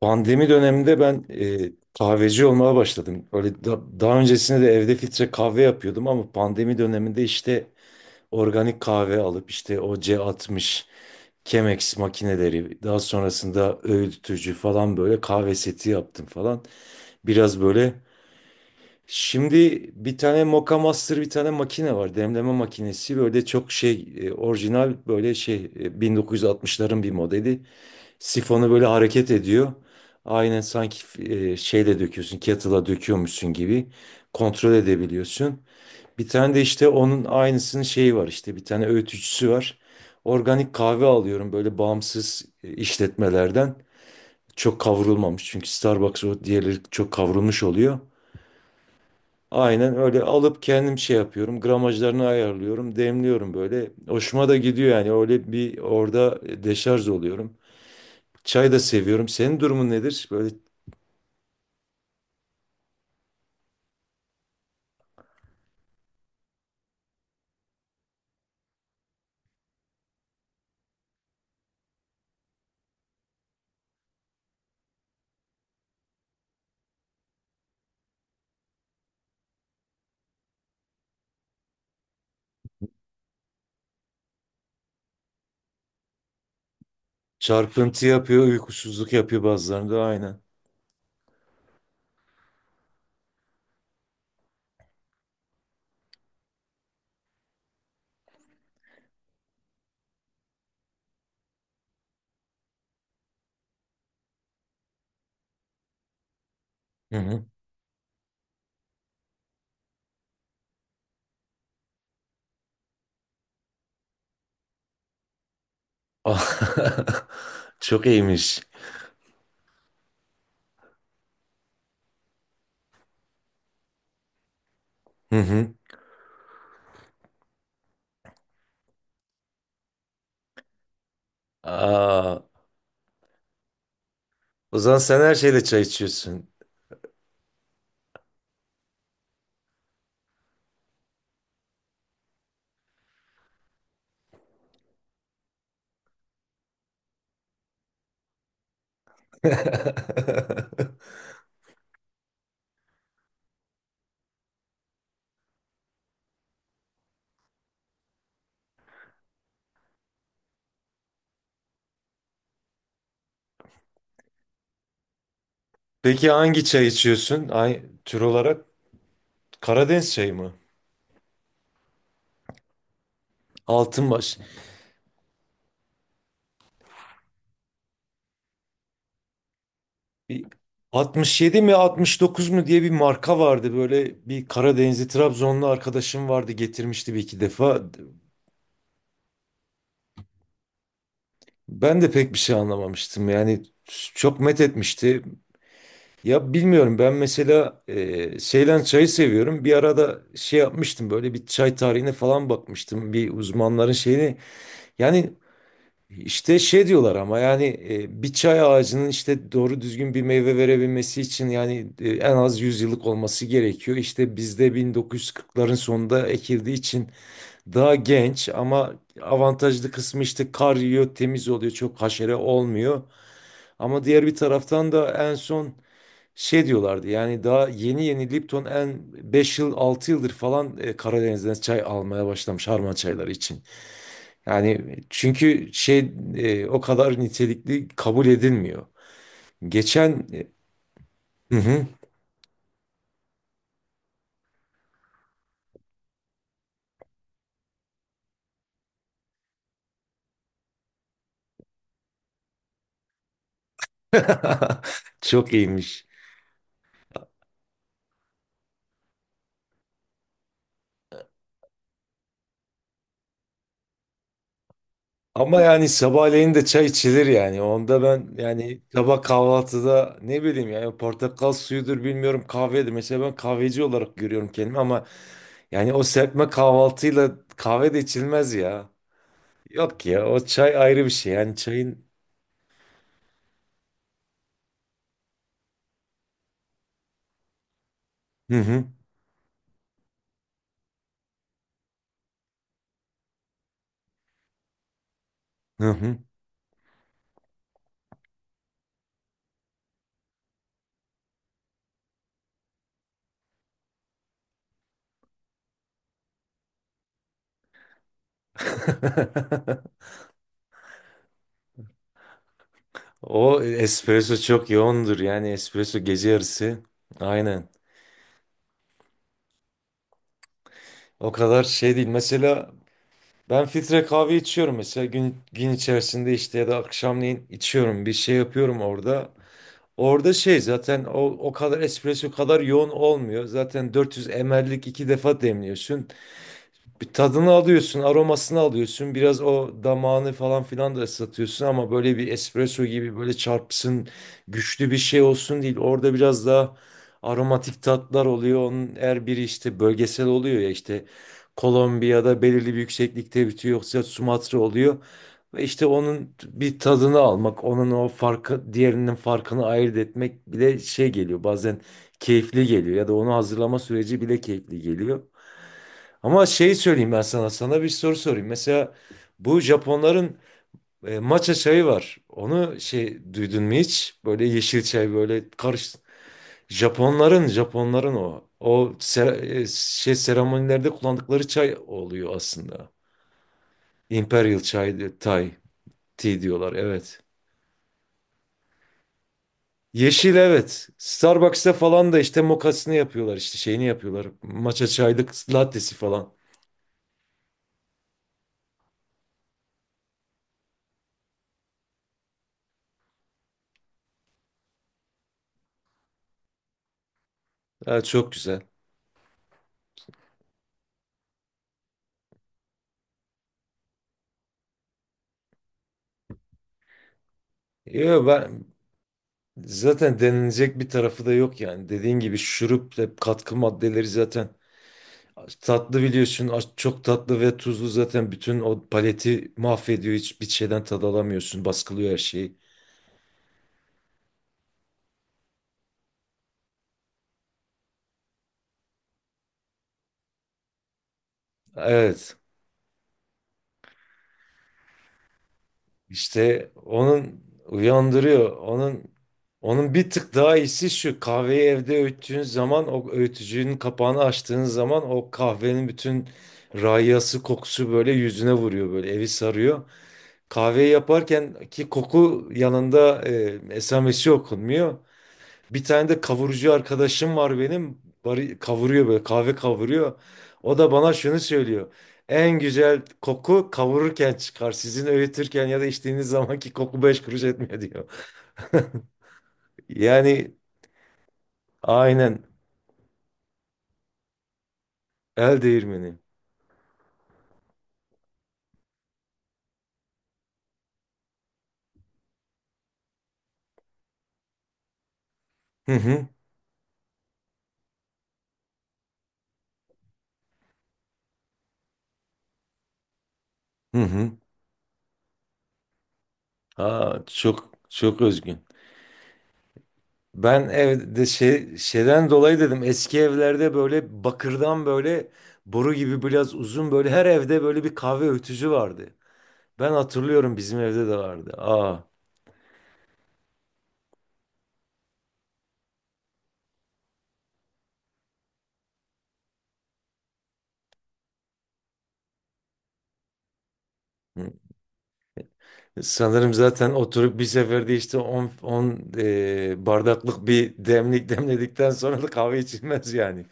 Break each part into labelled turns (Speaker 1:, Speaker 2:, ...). Speaker 1: Pandemi döneminde ben kahveci olmaya başladım. Öyle daha öncesinde de evde filtre kahve yapıyordum ama pandemi döneminde işte organik kahve alıp işte o C60 Chemex makineleri, daha sonrasında öğütücü falan, böyle kahve seti yaptım falan. Biraz böyle, şimdi bir tane Moka Master, bir tane makine var, demleme makinesi. Böyle çok şey, orijinal, böyle şey, 1960'ların bir modeli. Sifonu böyle hareket ediyor. Aynen, sanki şeyle döküyorsun, kettle'a döküyormuşsun gibi kontrol edebiliyorsun. Bir tane de işte onun aynısının şeyi var, işte bir tane öğütücüsü var. Organik kahve alıyorum, böyle bağımsız işletmelerden. Çok kavrulmamış, çünkü Starbucks, o diğerleri çok kavrulmuş oluyor. Aynen öyle alıp kendim şey yapıyorum. Gramajlarını ayarlıyorum, demliyorum böyle. Hoşuma da gidiyor yani, öyle bir orada deşarj oluyorum. Çay da seviyorum. Senin durumun nedir? Böyle. Çarpıntı yapıyor, uykusuzluk yapıyor bazılarında, aynen. Hı hı. Çok iyiymiş. Hı hı. Aa, o zaman sen her şeyle çay içiyorsun. Peki hangi çay içiyorsun? Ay, tür olarak Karadeniz çayı mı? Altınbaş. Bir 67 mi 69 mu diye bir marka vardı. Böyle bir Karadenizli, Trabzonlu arkadaşım vardı, getirmişti bir iki defa. Ben de pek bir şey anlamamıştım. Yani çok met etmişti. Ya bilmiyorum, ben mesela Seylan çayı seviyorum. Bir arada şey yapmıştım, böyle bir çay tarihine falan bakmıştım. Bir uzmanların şeyini, yani işte şey diyorlar ama, yani bir çay ağacının işte doğru düzgün bir meyve verebilmesi için, yani en az 100 yıllık olması gerekiyor. İşte bizde 1940'ların sonunda ekildiği için daha genç, ama avantajlı kısmı, işte kar yiyor, temiz oluyor, çok haşere olmuyor. Ama diğer bir taraftan da en son şey diyorlardı, yani daha yeni yeni Lipton en 5 yıl 6 yıldır falan Karadeniz'den çay almaya başlamış harman çayları için. Yani çünkü şey, o kadar nitelikli kabul edilmiyor. Geçen, hı hı. Çok iyiymiş. Ama yani sabahleyin de çay içilir yani. Onda ben yani, sabah kahvaltıda ne bileyim yani, portakal suyudur, bilmiyorum, kahvedir. Mesela ben kahveci olarak görüyorum kendimi, ama yani o serpme kahvaltıyla kahve de içilmez ya. Yok ya, o çay ayrı bir şey. Yani çayın. Hı hı, hı hı. O espresso çok yoğundur, yani espresso gece yarısı. Aynen. O kadar şey değil. Mesela ben filtre kahve içiyorum, mesela gün, gün içerisinde, işte ya da akşamleyin içiyorum, bir şey yapıyorum orada. Orada şey zaten, o kadar espresso kadar yoğun olmuyor. Zaten 400 ml'lik iki defa demliyorsun. Bir tadını alıyorsun, aromasını alıyorsun. Biraz o damağını falan filan da ıslatıyorsun, ama böyle bir espresso gibi böyle çarpsın, güçlü bir şey olsun değil. Orada biraz daha aromatik tatlar oluyor. Onun her biri işte bölgesel oluyor ya, işte Kolombiya'da belirli bir yükseklikte bitiyor, yoksa Sumatra oluyor. Ve işte onun bir tadını almak, onun o farkı, diğerinin farkını ayırt etmek bile şey geliyor. Bazen keyifli geliyor, ya da onu hazırlama süreci bile keyifli geliyor. Ama şey söyleyeyim ben sana. Sana bir soru sorayım. Mesela bu Japonların matcha çayı var. Onu şey, duydun mu hiç? Böyle yeşil çay, böyle karış. Japonların o. O şey seremonilerde kullandıkları çay oluyor aslında. Imperial çay, Thai tea diyorlar. Evet. Yeşil, evet. Starbucks'ta falan da işte mokasını yapıyorlar, işte şeyini yapıyorlar. Matcha çaylık lattesi falan. Ha, çok güzel. Yo, ben. Zaten denilecek bir tarafı da yok yani. Dediğin gibi şurup ve katkı maddeleri zaten tatlı, biliyorsun. Çok tatlı ve tuzlu, zaten bütün o paleti mahvediyor. Hiçbir şeyden tad alamıyorsun. Baskılıyor her şeyi. Evet. İşte onun, uyandırıyor. Onun bir tık daha iyisi şu. Kahveyi evde öğüttüğün zaman, o öğütücünün kapağını açtığın zaman, o kahvenin bütün rayası, kokusu böyle yüzüne vuruyor, böyle evi sarıyor. Kahveyi yaparken ki koku yanında esamesi okunmuyor. Bir tane de kavurucu arkadaşım var benim. Bari, kavuruyor, böyle kahve kavuruyor. O da bana şunu söylüyor. En güzel koku kavururken çıkar. Sizin öğütürken ya da içtiğiniz zamanki koku beş kuruş etmiyor diyor. Yani aynen, el değirmeni. Hı hı, hı hı. Aa, çok çok özgün. Ben evde şey, şeyden dolayı dedim, eski evlerde böyle bakırdan, böyle boru gibi biraz uzun, böyle her evde böyle bir kahve ötücü vardı. Ben hatırlıyorum bizim evde de vardı. Aa. Hı. Sanırım zaten oturup bir seferde işte 10 bardaklık bir demlik demledikten sonra da kahve içilmez yani.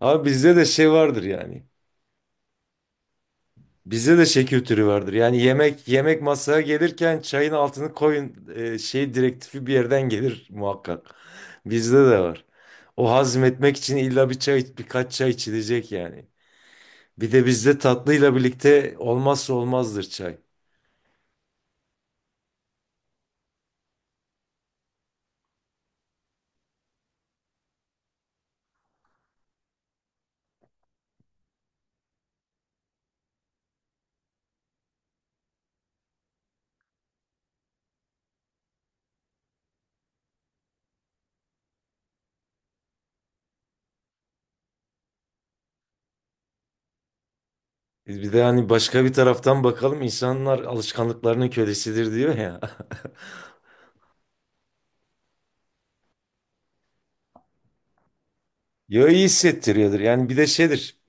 Speaker 1: Ama bizde de şey vardır yani. Bizde de şey kültürü vardır. Yani yemek, yemek masaya gelirken çayın altını koyun şey direktifi, bir yerden gelir muhakkak. Bizde de var. O, hazmetmek için illa bir çay, birkaç çay içilecek yani. Bir de bizde tatlıyla birlikte olmazsa olmazdır çay. Bir de hani, başka bir taraftan bakalım, insanlar alışkanlıklarının kölesidir diyor ya. Yo, iyi hissettiriyordur. Yani bir de şeydir.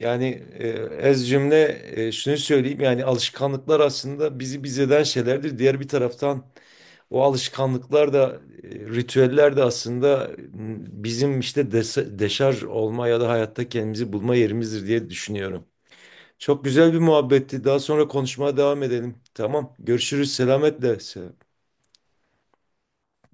Speaker 1: Yani e, ez cümle, şunu söyleyeyim, yani alışkanlıklar aslında bizi biz eden şeylerdir. Diğer bir taraftan, o alışkanlıklar da, ritüeller de aslında, bizim işte deşarj olma ya da hayatta kendimizi bulma yerimizdir diye düşünüyorum. Çok güzel bir muhabbetti. Daha sonra konuşmaya devam edelim. Tamam. Görüşürüz. Selametle.